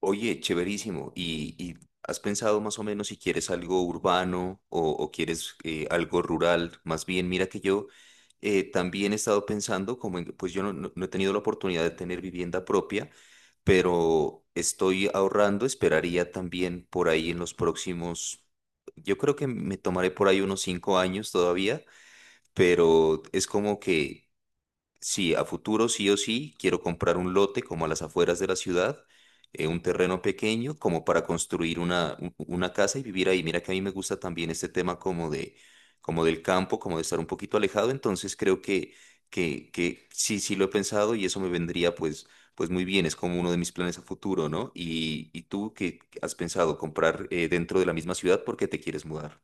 Oye, chéverísimo. ¿Y, has pensado más o menos si quieres algo urbano o quieres algo rural? Más bien, mira que yo también he estado pensando, como pues yo no he tenido la oportunidad de tener vivienda propia, pero estoy ahorrando, esperaría también por ahí en los próximos, yo creo que me tomaré por ahí unos 5 años todavía, pero es como que... Sí, a futuro sí o sí quiero comprar un lote como a las afueras de la ciudad, un terreno pequeño como para construir una, una casa y vivir ahí. Mira que a mí me gusta también este tema como de, como del campo, como de estar un poquito alejado, entonces creo que, que sí, sí lo he pensado y eso me vendría pues, pues muy bien, es como uno de mis planes a futuro, ¿no? Y, tú, ¿qué has pensado? ¿Comprar dentro de la misma ciudad porque te quieres mudar?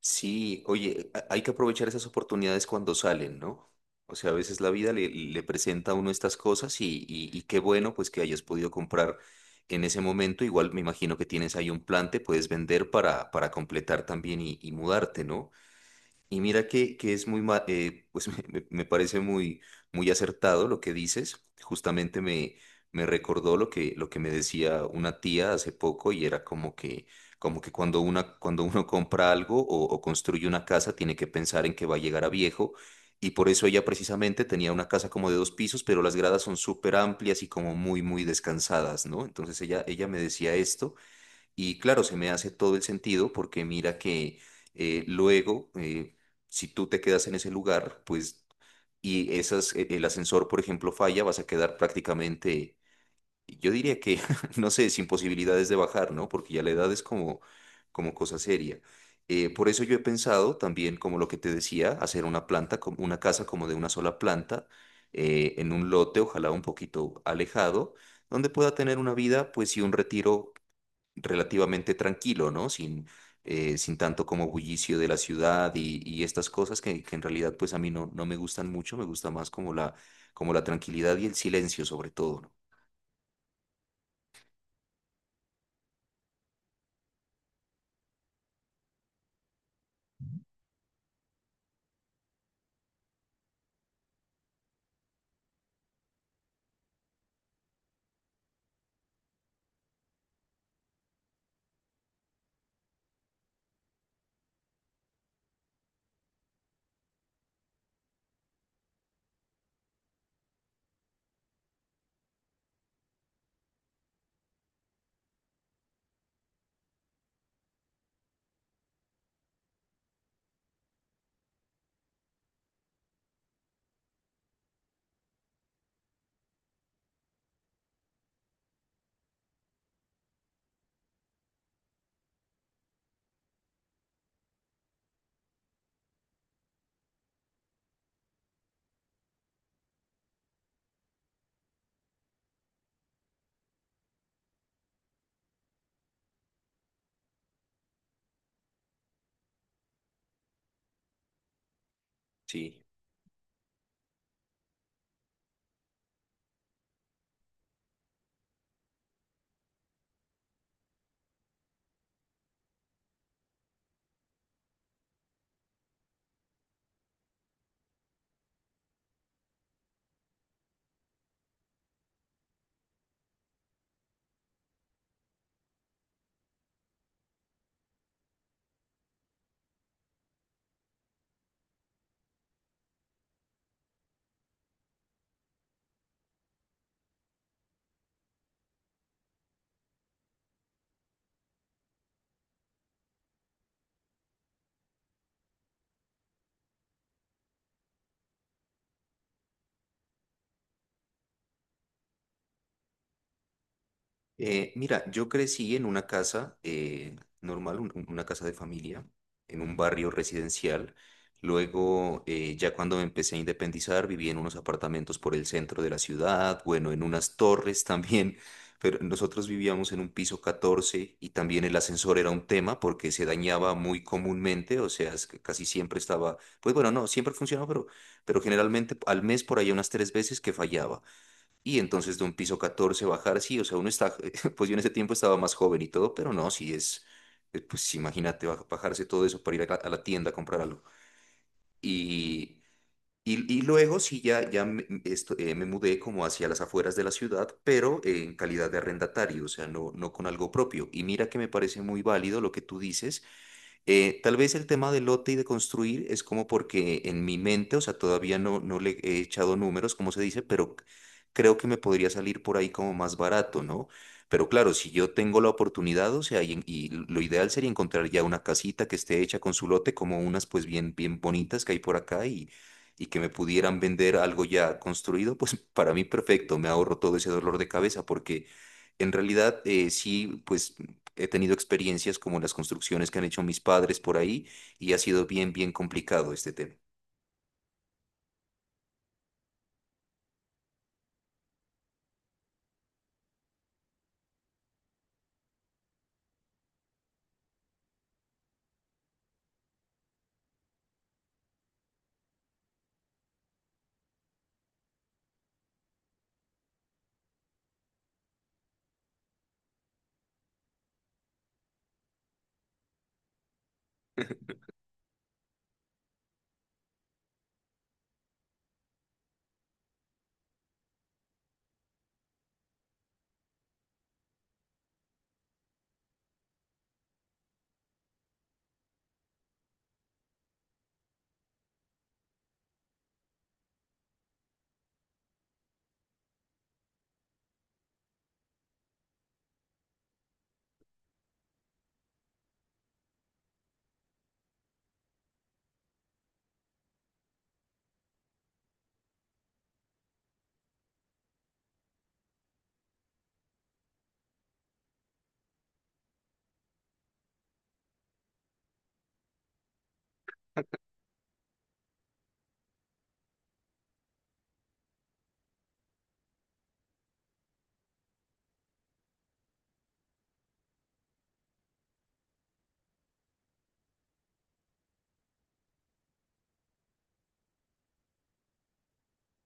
Sí, oye, hay que aprovechar esas oportunidades cuando salen, ¿no? O sea, a veces la vida le presenta a uno estas cosas y, y qué bueno pues que hayas podido comprar en ese momento. Igual me imagino que tienes ahí un plan, te puedes vender para completar también y mudarte, ¿no? Y mira que es muy, pues me, me parece muy, muy acertado lo que dices. Justamente me, me recordó lo que me decía una tía hace poco y era como que cuando una, cuando uno compra algo o construye una casa, tiene que pensar en que va a llegar a viejo. Y por eso ella precisamente tenía una casa como de 2 pisos, pero las gradas son súper amplias y como muy, muy descansadas, ¿no? Entonces ella me decía esto. Y claro, se me hace todo el sentido porque mira que luego, si tú te quedas en ese lugar, pues, y esas, el ascensor, por ejemplo, falla, vas a quedar prácticamente, yo diría que, no sé, sin posibilidades de bajar, ¿no? Porque ya la edad es como, como cosa seria. Por eso yo he pensado también, como lo que te decía, hacer una planta, una casa como de una sola planta, en un lote, ojalá un poquito alejado, donde pueda tener una vida, pues, y un retiro relativamente tranquilo, ¿no? Sin, sin tanto como bullicio de la ciudad y estas cosas que en realidad pues a mí no me gustan mucho, me gusta más como la tranquilidad y el silencio sobre todo, ¿no? Sí. Mira, yo crecí en una casa normal, una casa de familia, en un barrio residencial. Luego, ya cuando me empecé a independizar, viví en unos apartamentos por el centro de la ciudad, bueno, en unas torres también, pero nosotros vivíamos en un piso 14 y también el ascensor era un tema porque se dañaba muy comúnmente, o sea, es que casi siempre estaba, pues bueno, no, siempre funcionaba, pero generalmente al mes por ahí unas 3 veces que fallaba. Y entonces de un piso 14 bajar, sí, o sea, uno está, pues yo en ese tiempo estaba más joven y todo, pero no, sí es, pues imagínate bajarse todo eso para ir a la tienda a comprar algo. Y, y luego sí, ya, ya me mudé como hacia las afueras de la ciudad, pero en calidad de arrendatario, o sea, no con algo propio. Y mira que me parece muy válido lo que tú dices tal vez el tema del lote y de construir es como porque en mi mente, o sea, todavía no le he echado números, como se dice, pero creo que me podría salir por ahí como más barato, ¿no? Pero claro, si yo tengo la oportunidad, o sea, y lo ideal sería encontrar ya una casita que esté hecha con su lote, como unas pues bien, bien bonitas que hay por acá y que me pudieran vender algo ya construido, pues para mí perfecto, me ahorro todo ese dolor de cabeza porque... En realidad, sí, pues he tenido experiencias como las construcciones que han hecho mis padres por ahí y ha sido bien, bien complicado este tema.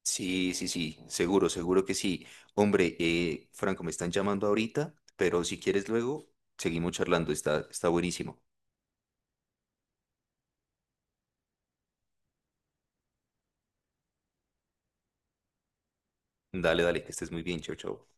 Sí, sí, sí, seguro, seguro que sí. Hombre, Franco, me están llamando ahorita, pero si quieres luego, seguimos charlando, está, está buenísimo. Dale, dale, que estés muy bien, chao, chao.